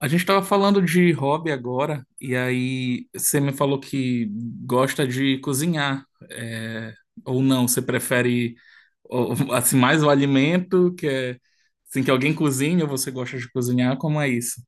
A gente estava falando de hobby agora, e aí você me falou que gosta de cozinhar, é, ou não, você prefere assim mais o alimento, que é assim que alguém cozinha, ou você gosta de cozinhar, como é isso?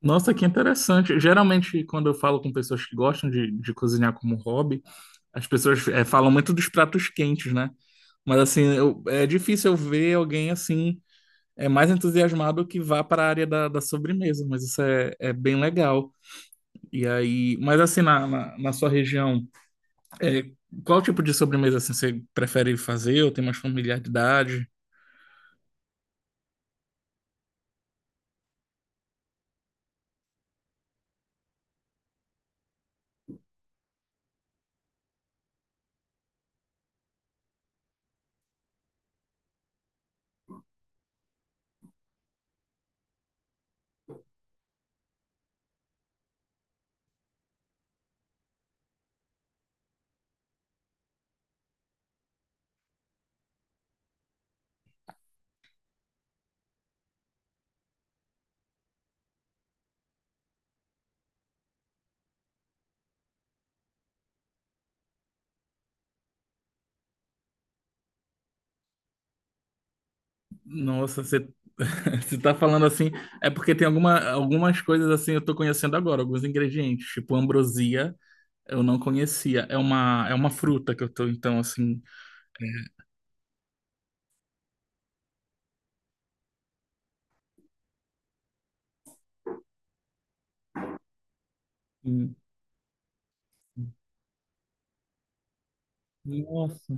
Nossa, que interessante. Geralmente, quando eu falo com pessoas que gostam de cozinhar como hobby, as pessoas falam muito dos pratos quentes, né? Mas assim, é difícil eu ver alguém assim mais entusiasmado que vá para a área da sobremesa, mas é bem legal. E aí, mas assim, na sua região, é, qual tipo de sobremesa assim, você prefere fazer ou tem mais familiaridade? Nossa, você, você tá falando assim, é porque tem algumas coisas assim eu tô conhecendo agora, alguns ingredientes, tipo ambrosia, eu não conhecia. É uma fruta que eu tô, então, assim. Hum. Nossa,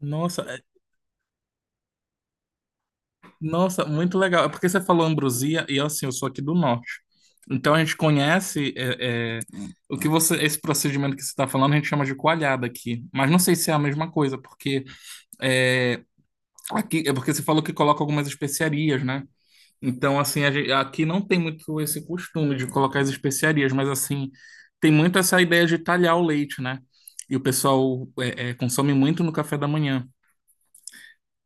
nossa. Nossa, muito legal. É porque você falou Ambrosia e assim, eu sou aqui do norte. Então a gente conhece o que você, esse procedimento que você está falando, a gente chama de coalhada aqui. Mas não sei se é a mesma coisa, porque é, aqui é porque você falou que coloca algumas especiarias, né? Então assim, aqui não tem muito esse costume de colocar as especiarias, mas assim tem muito essa ideia de talhar o leite, né? E o pessoal consome muito no café da manhã.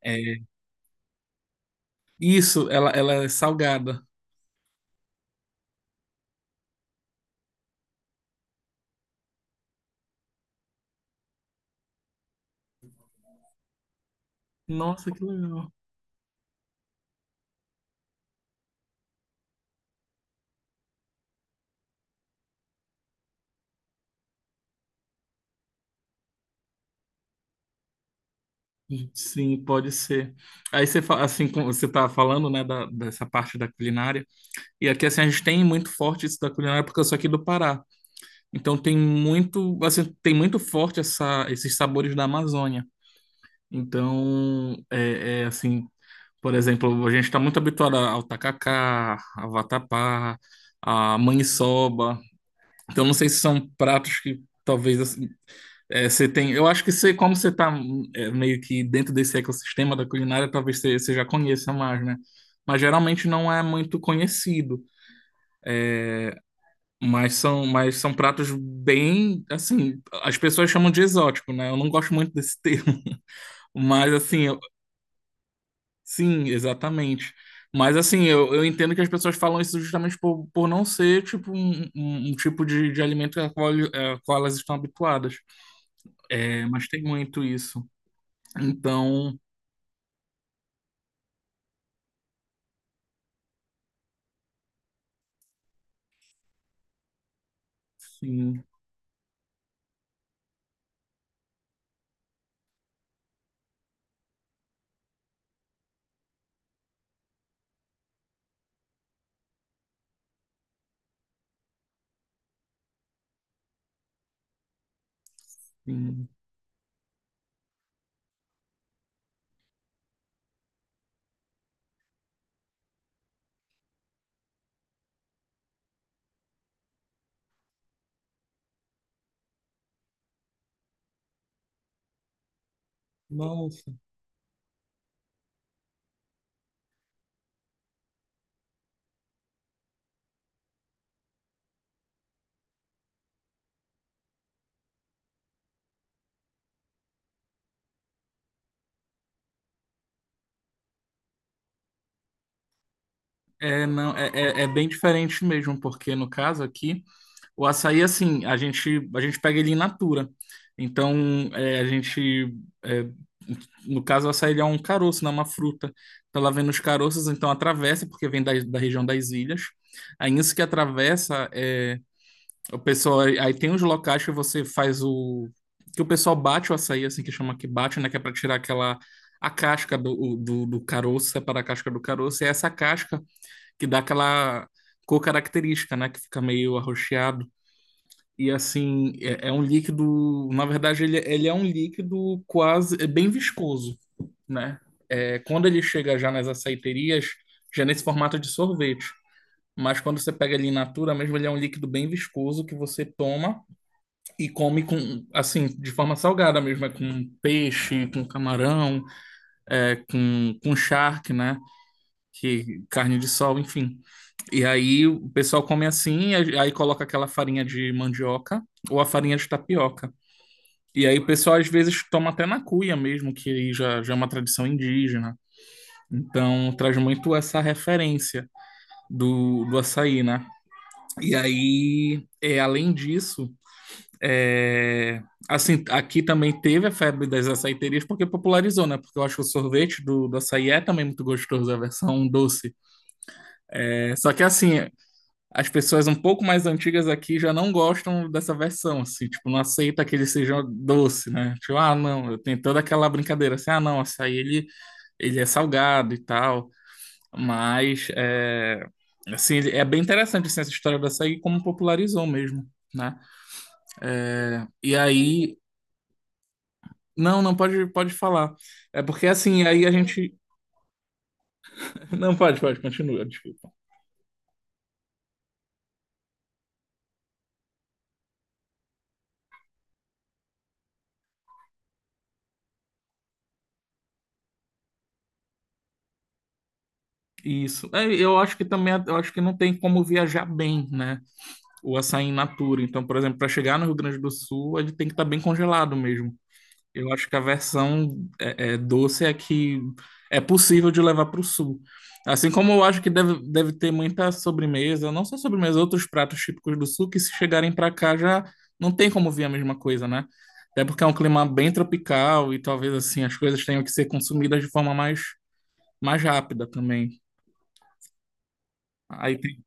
É. Isso, ela é salgada. Nossa, que legal. Sim, pode ser. Assim, como você tá falando, né, dessa parte da culinária. E aqui assim a gente tem muito forte isso da culinária porque eu sou aqui do Pará. Então tem muito, assim, tem muito forte essa esses sabores da Amazônia. Então, assim, por exemplo, a gente está muito habituado ao tacacá, ao vatapá, à maniçoba. Então não sei se são pratos que talvez assim, você tem, eu acho que você, como você está meio que dentro desse ecossistema da culinária, talvez você já conheça mais, né? Mas geralmente não é muito conhecido. Mas são pratos bem, assim, as pessoas chamam de exótico, né? Eu não gosto muito desse termo. Mas assim, sim, exatamente. Mas assim, eu entendo que as pessoas falam isso justamente por não ser tipo um tipo de alimento ao qual, ao qual elas estão habituadas. É, mas tem muito isso. Então, sim. Sim. Nossa. É, não, é, é bem diferente mesmo, porque no caso aqui, o açaí, assim, a gente pega ele in natura. Então, é, a gente, é, no caso, o açaí ele é um caroço, não é uma fruta. Então, ela vem nos caroços, então atravessa, porque vem da região das ilhas. Aí, isso que atravessa é, O pessoal, aí tem uns locais que você faz o. Que o pessoal bate o açaí, assim, que chama que bate, né? Que é pra tirar aquela. A casca do caroço, separar a casca do caroço. E é essa casca que dá aquela cor característica, né? Que fica meio arroxeado. E assim, é um líquido. Na verdade, ele é um líquido quase. É bem viscoso, né? É, quando ele chega já nas açaiterias, já é nesse formato de sorvete. Mas quando você pega ele in natura mesmo, ele é um líquido bem viscoso que você toma. E come com, assim, de forma salgada mesmo, é com peixe, com camarão, com charque, né? Que, carne de sol, enfim. E aí o pessoal come assim, e aí coloca aquela farinha de mandioca ou a farinha de tapioca. E aí o pessoal às vezes toma até na cuia mesmo, que aí já é uma tradição indígena. Então traz muito essa referência do açaí, né? E aí, é, além disso, É, assim, aqui também teve a febre das açaiterias porque popularizou, né? Porque eu acho que o sorvete do açaí é também muito gostoso, a versão doce. É, só que assim, as pessoas um pouco mais antigas aqui já não gostam dessa versão, assim, tipo, não aceita que ele seja doce, né? Tipo, ah, não, tem toda aquela brincadeira assim, ah, não, ele é salgado e tal, mas é, assim, é bem interessante assim, essa história do açaí como popularizou mesmo, né? E aí não não pode, pode falar. É porque assim, aí a gente. Não pode, pode, continua, desculpa. Isso. É, eu acho que também, eu acho que não tem como viajar bem, né? O açaí in natura. Então, por exemplo, para chegar no Rio Grande do Sul, ele tem que estar bem congelado mesmo. Eu acho que a versão doce é que é possível de levar para o sul. Assim como eu acho que deve ter muita sobremesa, não só sobremesa, outros pratos típicos do sul que se chegarem para cá já não tem como vir a mesma coisa, né? Até porque é um clima bem tropical e talvez assim as coisas tenham que ser consumidas de forma mais, mais rápida também. Aí tem-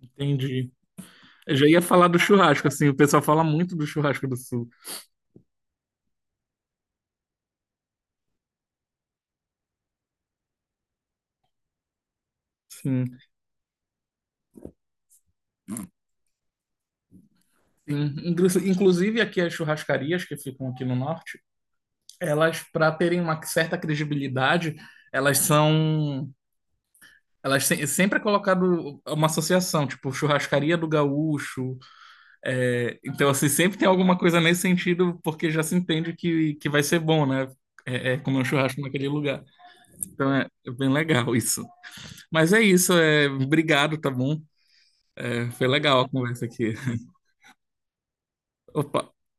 entendi. Eu já ia falar do churrasco, assim, o pessoal fala muito do churrasco do sul. Sim. Inclusive aqui as churrascarias que ficam aqui no norte. Elas, para terem uma certa credibilidade, elas são. Elas se- sempre é colocado uma associação, tipo churrascaria do gaúcho. É, então, assim, sempre tem alguma coisa nesse sentido, porque já se entende que vai ser bom, né? É, é comer um churrasco naquele lugar. Então é bem legal isso. Mas é isso, é, obrigado, tá bom? É, foi legal a conversa aqui. Opa.